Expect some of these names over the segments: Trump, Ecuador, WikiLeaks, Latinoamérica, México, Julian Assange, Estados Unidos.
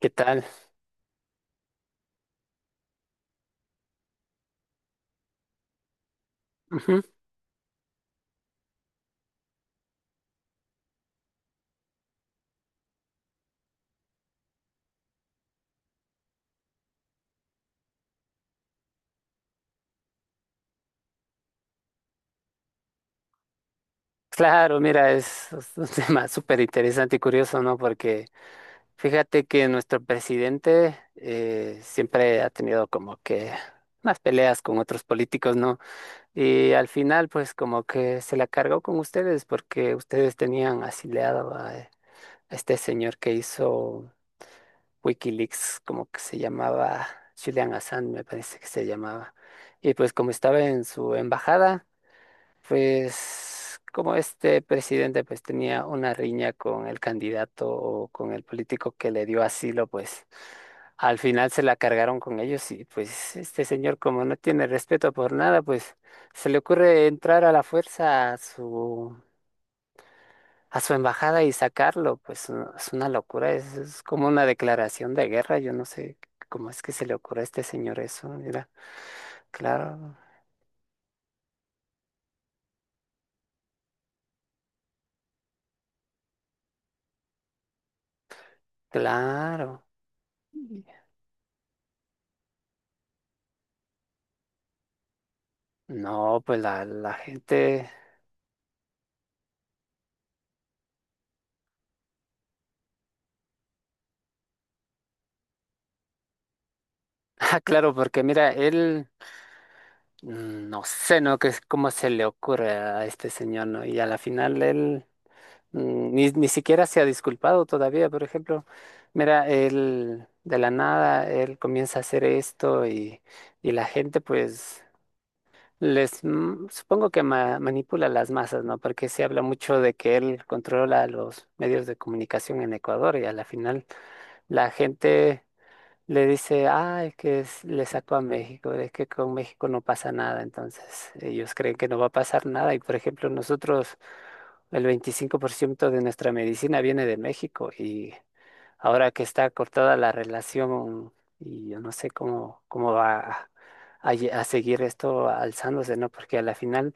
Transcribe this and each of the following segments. ¿Qué tal? Ujú. Claro, mira, es un tema súper interesante y curioso, ¿no? Porque fíjate que nuestro presidente siempre ha tenido como que unas peleas con otros políticos, ¿no? Y al final, pues como que se la cargó con ustedes porque ustedes tenían asilado a este señor que hizo WikiLeaks, como que se llamaba Julian Assange, me parece que se llamaba. Y pues como estaba en su embajada. Pues como este presidente pues tenía una riña con el candidato o con el político que le dio asilo, pues al final se la cargaron con ellos y pues este señor como no tiene respeto por nada, pues se le ocurre entrar a la fuerza a su embajada y sacarlo, pues no, es una locura, es como una declaración de guerra, yo no sé cómo es que se le ocurre a este señor eso, mira, claro, claro. No, pues la gente. Ah, claro, porque mira, él, no sé, ¿no? Que es cómo se le ocurre a este señor, ¿no? Y a la final él ni siquiera se ha disculpado todavía. Por ejemplo, mira, él de la nada, él comienza a hacer esto y la gente, pues, les, supongo que manipula las masas, ¿no? Porque se habla mucho de que él controla los medios de comunicación en Ecuador y a la final la gente, le dice, ah, es que le sacó a México, es que con México no pasa nada, entonces ellos creen que no va a pasar nada y por ejemplo nosotros, el 25% de nuestra medicina viene de México y ahora que está cortada la relación y yo no sé cómo, cómo va a seguir esto alzándose, ¿no? Porque a la final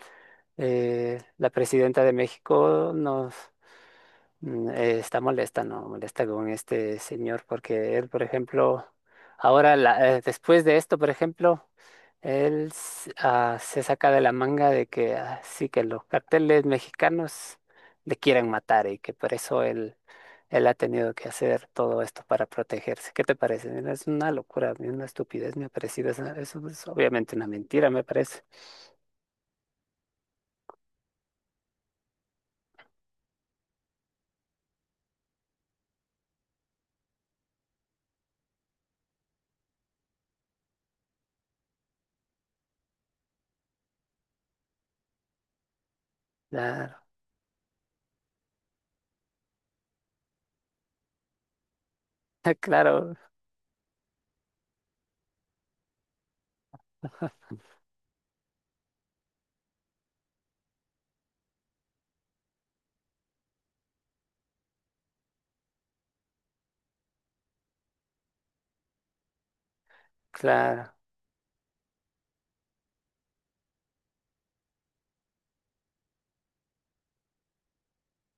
la presidenta de México nos... Está molesta, ¿no? Molesta con este señor porque él, por ejemplo, ahora, después de esto, por ejemplo, se saca de la manga de que ah, sí, que los carteles mexicanos le quieren matar y que por eso él, él ha tenido que hacer todo esto para protegerse. ¿Qué te parece? Mira, es una locura, a mí una estupidez me ha parecido. Eso es obviamente una mentira, me parece. Claro, claro, claro,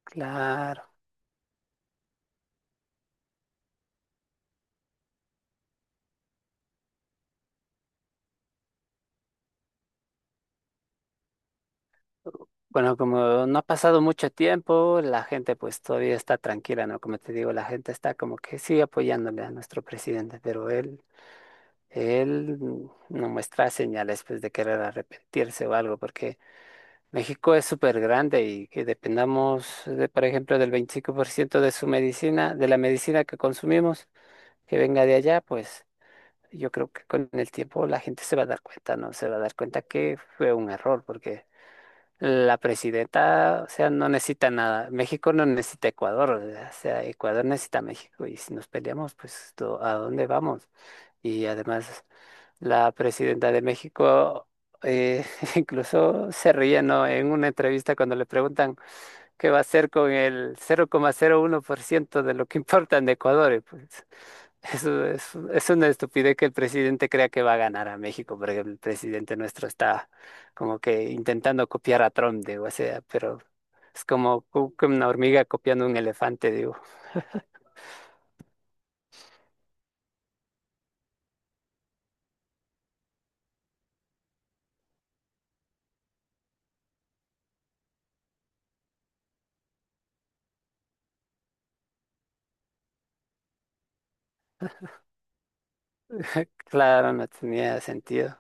claro. Bueno, como no ha pasado mucho tiempo, la gente pues todavía está tranquila, ¿no? Como te digo, la gente está como que sigue apoyándole a nuestro presidente, pero él no muestra señales pues de querer arrepentirse o algo, porque México es súper grande y que dependamos de, por ejemplo, del 25% de su medicina, de la medicina que consumimos, que venga de allá, pues yo creo que con el tiempo la gente se va a dar cuenta, ¿no? Se va a dar cuenta que fue un error, porque la presidenta, o sea, no necesita nada. México no necesita Ecuador, o sea, Ecuador necesita a México. Y si nos peleamos, pues, ¿a dónde vamos? Y además, la presidenta de México eh, incluso se ríe, ¿no? En una entrevista cuando le preguntan, ¿qué va a hacer con el 0,01% de lo que importa en Ecuador? Y pues eso es una estupidez que el presidente crea que va a ganar a México, porque el presidente nuestro está como que intentando copiar a Trump, digo, o sea, pero es como que una hormiga copiando un elefante, digo. Claro, no tenía sentido.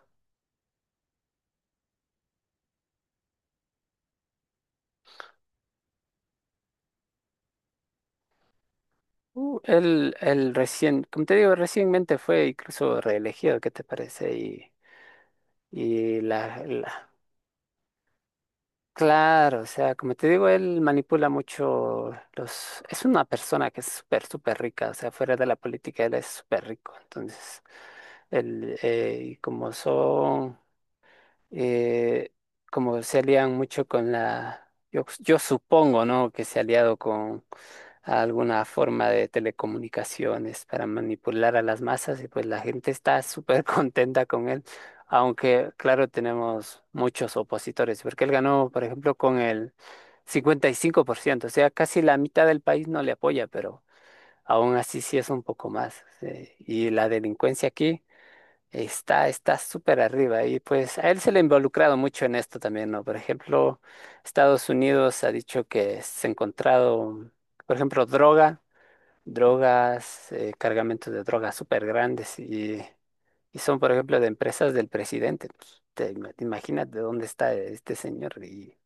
Él recién, como te digo, recientemente fue incluso reelegido, ¿qué te parece? Y la, la- Claro, o sea, como te digo, él manipula mucho los... Es una persona que es súper, súper rica, o sea, fuera de la política él es súper rico. Entonces, él, y eh, como se alían mucho con la, yo supongo, ¿no? Que se ha aliado con alguna forma de telecomunicaciones para manipular a las masas y pues la gente está súper contenta con él, aunque claro, tenemos muchos opositores, porque él ganó, por ejemplo, con el 55%, o sea, casi la mitad del país no le apoya, pero aún así sí es un poco más. Y la delincuencia aquí. Está súper arriba y pues a él se le ha involucrado mucho en esto también, ¿no? Por ejemplo, Estados Unidos ha dicho que se ha encontrado, por ejemplo, droga, drogas, cargamentos de drogas súper grandes. Y son, por ejemplo, de empresas del presidente. Pues, te imaginas de dónde está este señor. Y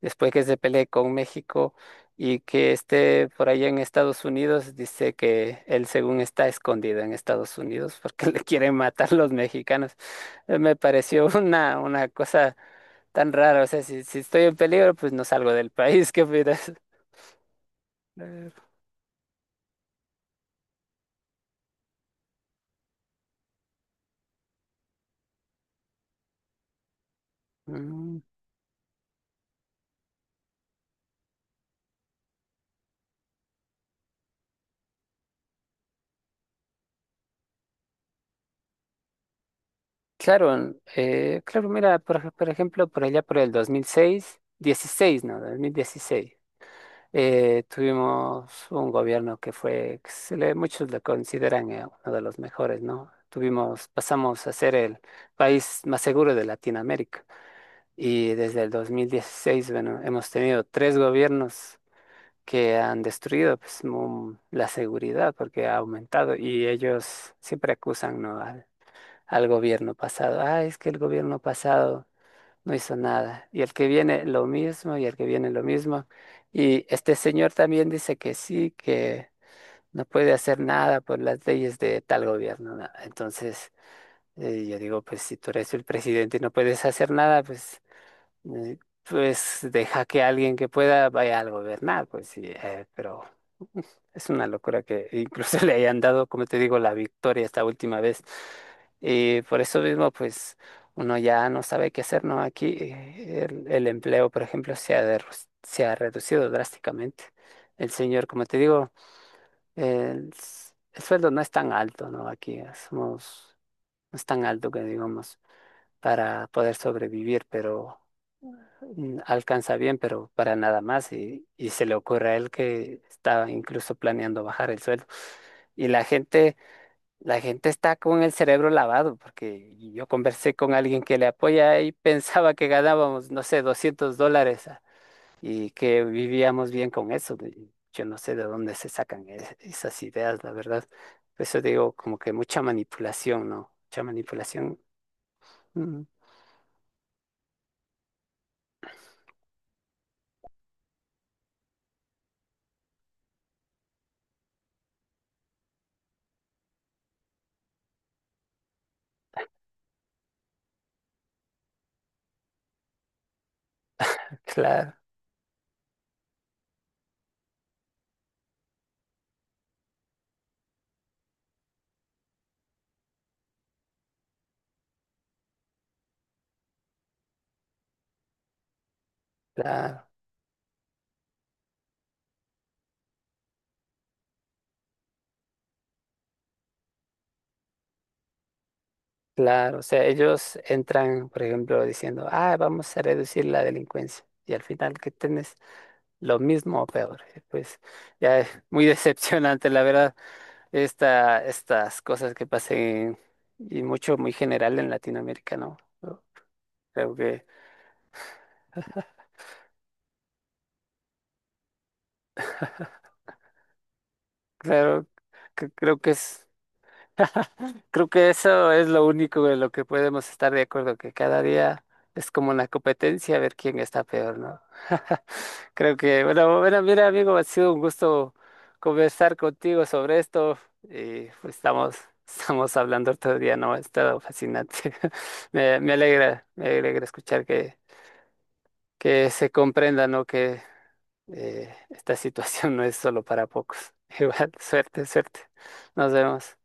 después que se pelee con México y que esté por allá en Estados Unidos, dice que él, según está escondido en Estados Unidos porque le quieren matar los mexicanos. Me pareció una cosa tan rara. O sea, si estoy en peligro, pues no salgo del país. ¿Qué opinas? Eh, mm. Claro, claro, mira, por ejemplo, por allá por el 2006, 16, no, 2016, tuvimos un gobierno que muchos lo consideran uno de los mejores, ¿no? Tuvimos, pasamos a ser el país más seguro de Latinoamérica y desde el 2016, bueno, hemos tenido tres gobiernos que han destruido pues, la seguridad porque ha aumentado y ellos siempre acusan, ¿no?, al gobierno pasado. Ah, es que el gobierno pasado no hizo nada. Y el que viene lo mismo, y el que viene lo mismo. Y este señor también dice que sí, que no puede hacer nada por las leyes de tal gobierno. Nada. Entonces, yo digo, pues si tú eres el presidente y no puedes hacer nada, pues, eh, pues deja que alguien que pueda vaya a gobernar, pues sí, pero es una locura que incluso le hayan dado, como te digo, la victoria esta última vez. Y por eso mismo, pues uno ya no sabe qué hacer, ¿no? Aquí el empleo, por ejemplo, se ha reducido drásticamente. El señor, como te digo, el sueldo no es tan alto, ¿no? Aquí somos, no es tan alto que digamos para poder sobrevivir, pero alcanza bien, pero para nada más. Y se le ocurre a él que estaba incluso planeando bajar el sueldo. Y la gente está con el cerebro lavado, porque yo conversé con alguien que le apoya y pensaba que ganábamos, no sé, $200, ah, y que vivíamos bien con eso. Y yo no sé de dónde se sacan esas ideas, la verdad. Por eso digo, como que mucha manipulación, ¿no? Mucha manipulación. Mm, claro, claro. Claro, o sea, ellos entran, por ejemplo, diciendo, ah, vamos a reducir la delincuencia. Y al final que tienes lo mismo o peor. Pues ya es muy decepcionante, la verdad, estas cosas que pasen y mucho, muy general en Latinoamérica, ¿no? Yo Creo que, claro, cre- creo que es, creo que eso es lo único en lo que podemos estar de acuerdo, que cada día es como una competencia a ver quién está peor, ¿no? Creo que, bueno, bueno, mira, amigo, ha sido un gusto conversar contigo sobre esto y pues, estamos, estamos hablando otro día, ¿no? Ha estado fascinante. Me alegra, me alegra escuchar que se comprenda, ¿no? Que esta situación no es solo para pocos. Igual, suerte, suerte. Nos vemos.